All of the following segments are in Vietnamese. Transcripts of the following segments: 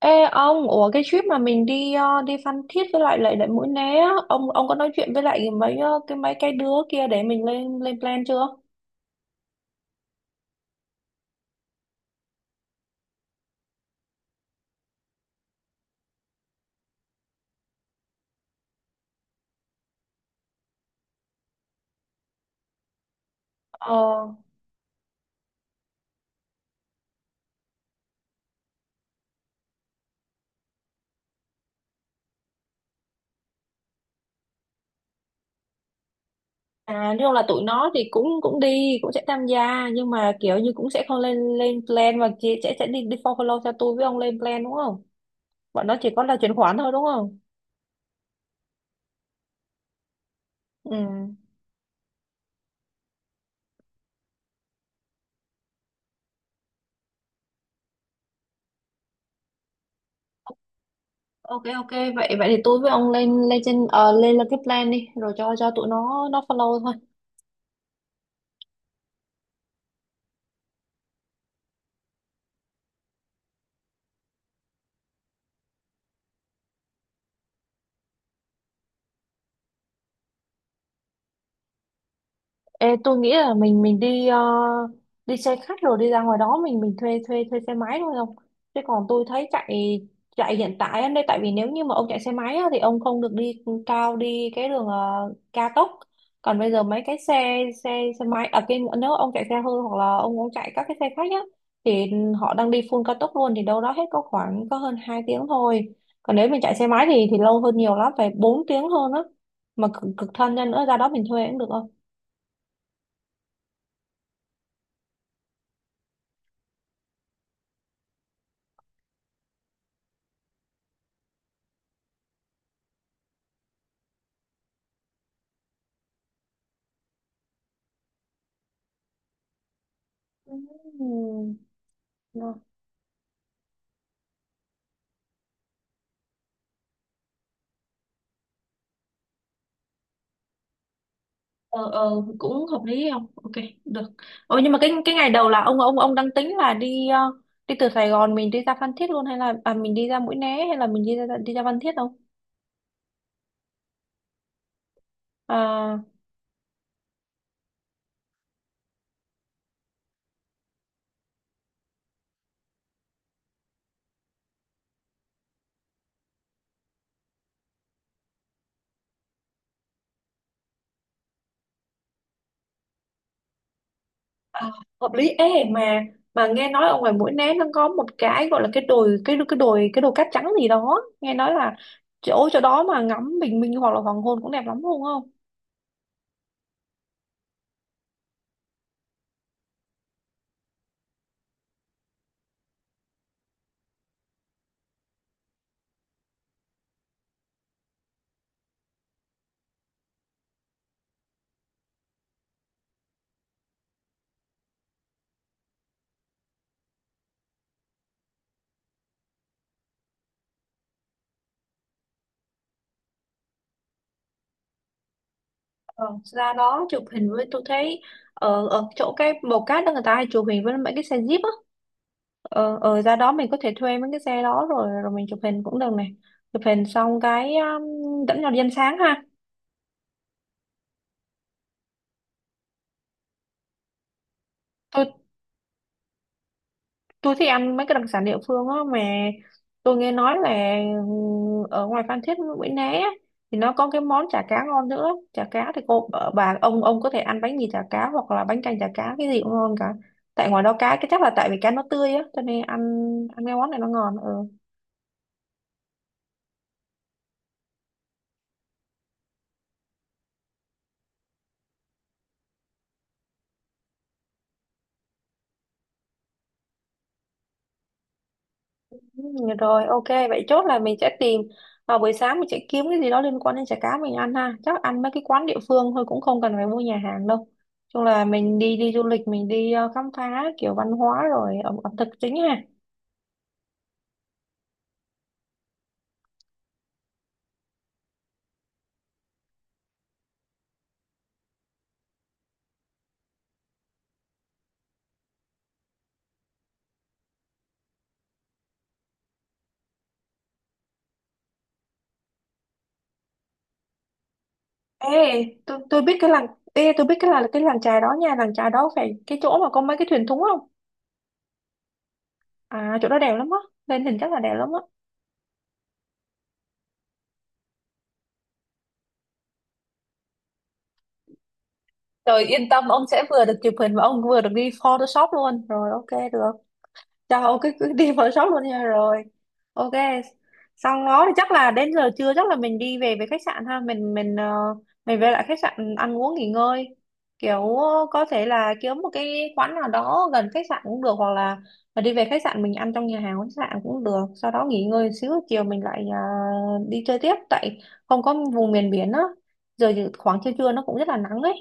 Ê ông, ủa cái trip mà mình đi đi Phan Thiết với lại lại lại Mũi Né á, ông có nói chuyện với lại mấy cái mấy cái đứa kia để mình lên lên plan chưa? Ờ, à nhưng là tụi nó thì cũng cũng đi, cũng sẽ tham gia nhưng mà kiểu như cũng sẽ không lên lên plan mà chỉ sẽ đi đi follow theo tôi với ông lên plan đúng không? Bọn nó chỉ có là chuyển khoản thôi đúng không? Ừ. Ok, ok, vậy vậy thì tôi với ông lên lên trên ờ, lên lên cái plan đi rồi cho tụi nó follow thôi. Ê, tôi nghĩ là mình đi đi xe khách rồi đi ra ngoài đó mình thuê thuê thuê xe máy thôi không? Chứ còn tôi thấy chạy chạy hiện tại anh đây tại vì nếu như mà ông chạy xe máy á, thì ông không được đi cao đi cái đường cao tốc. Còn bây giờ mấy cái xe xe xe máy ở cái nếu ông chạy xe hơi hoặc là ông muốn chạy các cái xe khách á thì họ đang đi full cao tốc luôn thì đâu đó hết có khoảng có hơn 2 tiếng thôi. Còn nếu mình chạy xe máy thì lâu hơn nhiều lắm phải 4 tiếng hơn á. Mà cực, cực thân ra nữa ra đó mình thuê cũng được không? Ừm, ngon. Ờ ờ, cũng hợp lý không, ok được. Ờ nhưng mà cái ngày đầu là ông đang tính là đi đi từ Sài Gòn mình đi ra Phan Thiết luôn hay là à, mình đi ra Mũi Né hay là mình đi ra Phan Thiết không? À, à hợp lý ế mà nghe nói ở ngoài Mũi Né nó có một cái gọi là cái đồi cát trắng gì đó nghe nói là chỗ chỗ đó mà ngắm bình minh hoặc là hoàng hôn cũng đẹp lắm đúng không? Ờ, ra đó chụp hình với tôi thấy ở ở chỗ cái bầu cát đó người ta hay chụp hình với mấy cái xe jeep á. Ờ, ở ra đó mình có thể thuê mấy cái xe đó rồi rồi mình chụp hình cũng được này, chụp hình xong cái dẫn nhau đi ăn sáng ha. Tôi thích ăn mấy cái đặc sản địa phương á, mà tôi nghe nói là ừ, ở ngoài Phan Thiết Mũi Né á, thì nó có cái món chả cá ngon nữa. Chả cá thì cô bà ông có thể ăn bánh mì chả cá hoặc là bánh canh chả cá cái gì cũng ngon cả, tại ngoài đó cá cái chắc là tại vì cá nó tươi á cho nên ăn, ăn cái món này nó ngon. Ừ. Ừ, rồi ok, vậy chốt là mình sẽ tìm vào buổi sáng mình sẽ kiếm cái gì đó liên quan đến chả cá mình ăn ha, chắc ăn mấy cái quán địa phương thôi cũng không cần phải mua nhà hàng đâu, chung là mình đi đi du lịch mình đi khám phá kiểu văn hóa rồi ẩm ẩm thực chính ha. Ê, tôi biết cái làng, ê tôi biết cái là cái làng chài đó nha, làng chài đó phải cái chỗ mà có mấy cái thuyền thúng không? À chỗ đó đẹp lắm á, lên hình chắc là đẹp lắm á. Rồi yên tâm ông sẽ vừa được chụp hình và ông vừa được đi Photoshop luôn, rồi ok được. Trời ơi, cái đi vào sốt luôn nha. Rồi. Ok. Xong đó thì chắc là đến giờ trưa chắc là mình đi về về khách sạn ha, mình ờ, mình về lại khách sạn ăn uống nghỉ ngơi. Kiểu ờ, có thể là kiếm một cái quán nào đó gần khách sạn cũng được hoặc là mà đi về khách sạn mình ăn trong nhà hàng khách sạn cũng được, sau đó nghỉ ngơi xíu chiều mình lại đi chơi tiếp tại không có vùng miền biển á. Giờ dự- khoảng trưa trưa nó cũng rất là nắng ấy.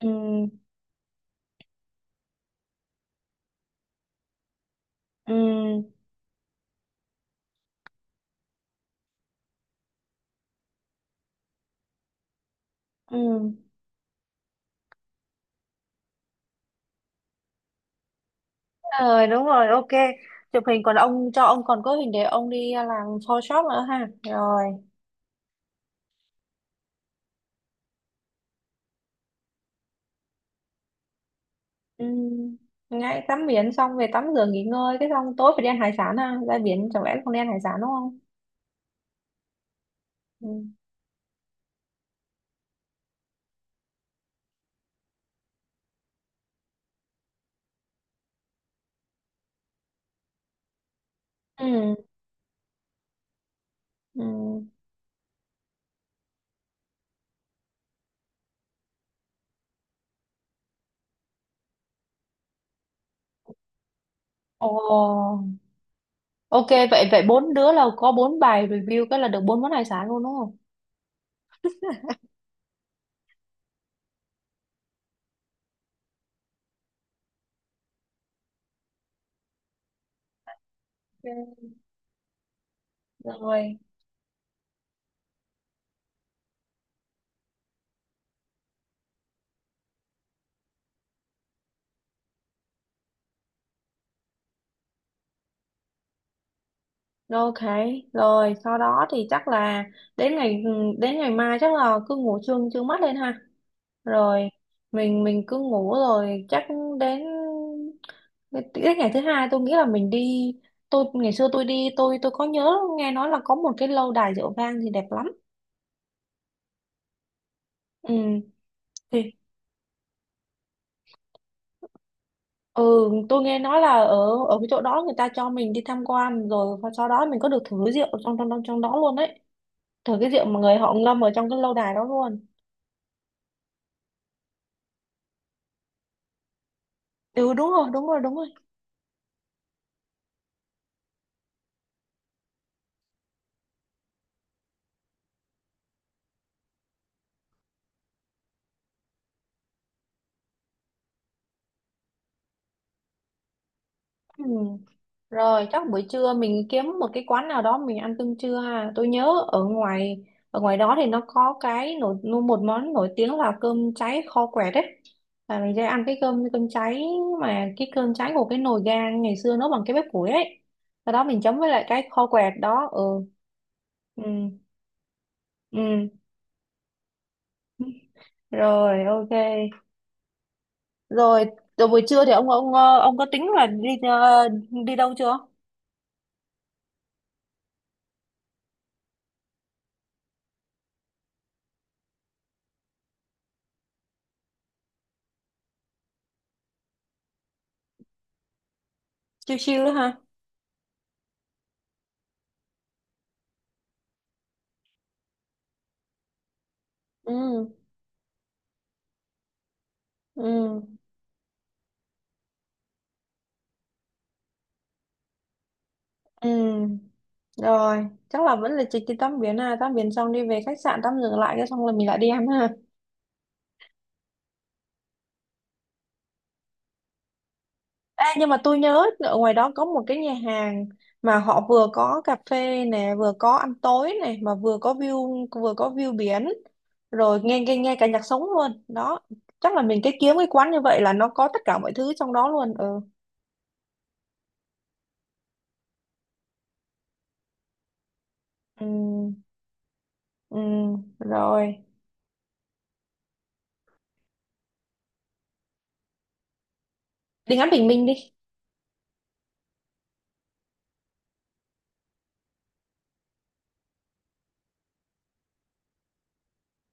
Ừ, ừ, ừ. Rồi đúng rồi, ok. Chụp hình còn ông cho ông còn có hình để ông đi làm Photoshop nữa ha. Rồi. Ừm. Ngay tắm biển xong về tắm rửa nghỉ ngơi cái xong tối phải đi ăn hải sản ha. Ra biển chẳng lẽ không đi ăn hải sản đúng không? Ừm. Ừ. Ừ. Ồ. Ok, vậy vậy bốn đứa là có bốn bài review cái là được bốn món hải sản luôn đúng không? Ok. Rồi. Ok, rồi sau đó thì chắc là đến ngày ừ, đến ngày mai chắc là cứ ngủ trương trương mắt lên ha. Rồi mình cứ ngủ rồi chắc đến đến ngày thứ hai tôi nghĩ là mình đi, tôi ngày xưa tôi đi tôi có nhớ nghe nói là có một cái lâu đài rượu vang thì đẹp lắm. Ừ thì ừ, tôi nghe nói là ở ở cái chỗ đó người ta cho mình đi tham quan rồi và sau đó mình có được thử rượu trong trong trong trong đó luôn đấy. Thử cái rượu mà người họ ngâm ở trong cái lâu đài đó luôn. Ừ đúng rồi, đúng rồi, đúng rồi. Ừ. Rồi chắc buổi trưa mình kiếm một cái quán nào đó mình ăn cơm trưa ha. Tôi nhớ ở ngoài đó thì nó có cái nổi một món nổi tiếng là cơm cháy kho quẹt đấy. Là mình sẽ ăn cái cơm cơm cháy mà cái cơm cháy của cái nồi gang ngày xưa nấu bằng cái bếp củi ấy. Sau đó mình chấm với lại cái kho quẹt đó. Ừ. Ừ. Ừ. Rồi ok. Rồi, rồi buổi trưa thì ông có tính là đi đi đâu chưa? Chiêu chiêu đó ha. Ừ. Ừ, ừ, rồi chắc là vẫn là chỉ đi tắm biển, à tắm biển xong đi về khách sạn tắm dừng lại cái xong là mình lại đi ăn ha. Ê, nhưng mà tôi nhớ ở ngoài đó có một cái nhà hàng mà họ vừa có cà phê nè vừa có ăn tối này mà vừa có view biển, rồi nghe nghe nghe cả nhạc sống luôn đó, chắc là mình cái kiếm cái quán như vậy là nó có tất cả mọi thứ trong đó luôn. Ừ, ừ, ừ. Rồi đi ngắm bình minh đi.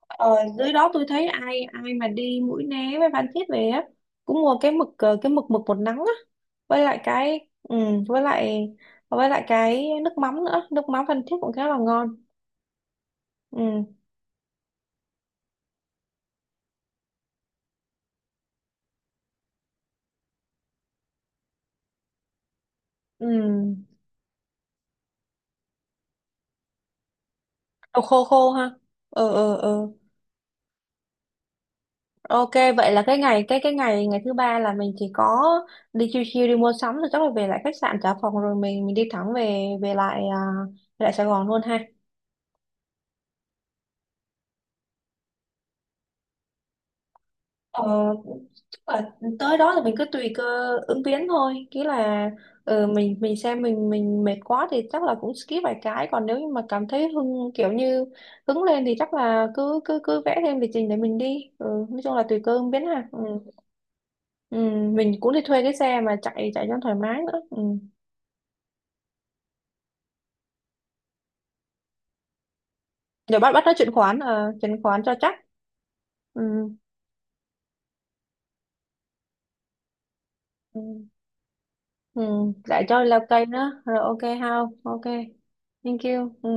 Ờ, dưới đó tôi thấy ai ai mà đi Mũi Né với Phan Thiết về á cũng mua cái mực cái mực mực bột nắng á, với lại cái ừ, với lại với lại cái nước mắm nữa, nước mắm Phan Thiết cũng khá là ngon. Ừ. Ừ. Đồ khô khô ha. Ừ, ừ, ừ, ok. Vậy là cái ngày ngày thứ ba là mình chỉ có đi chiêu chiêu đi mua sắm rồi chắc là về lại khách sạn trả phòng rồi mình đi thẳng về về lại à, về lại Sài Gòn luôn ha. Ờ, chắc là tới đó thì mình cứ tùy cơ ứng biến thôi nghĩa là mình xem mình mệt quá thì chắc là cũng skip vài cái còn nếu như mà cảm thấy hưng kiểu như hứng lên thì chắc là cứ cứ cứ vẽ thêm lịch trình để mình đi, ừ, nói chung là tùy cơ ứng biến ha. Ừ. Ừ, mình cũng đi thuê cái xe mà chạy chạy cho thoải mái nữa. Ừ. Rồi bắt bắt nói chuyện khoán chuyện khoán cho chắc. Ừ. Ừ. Ừ. Lại cho leo cây nữa rồi, ok how ok, thank you. Ừ.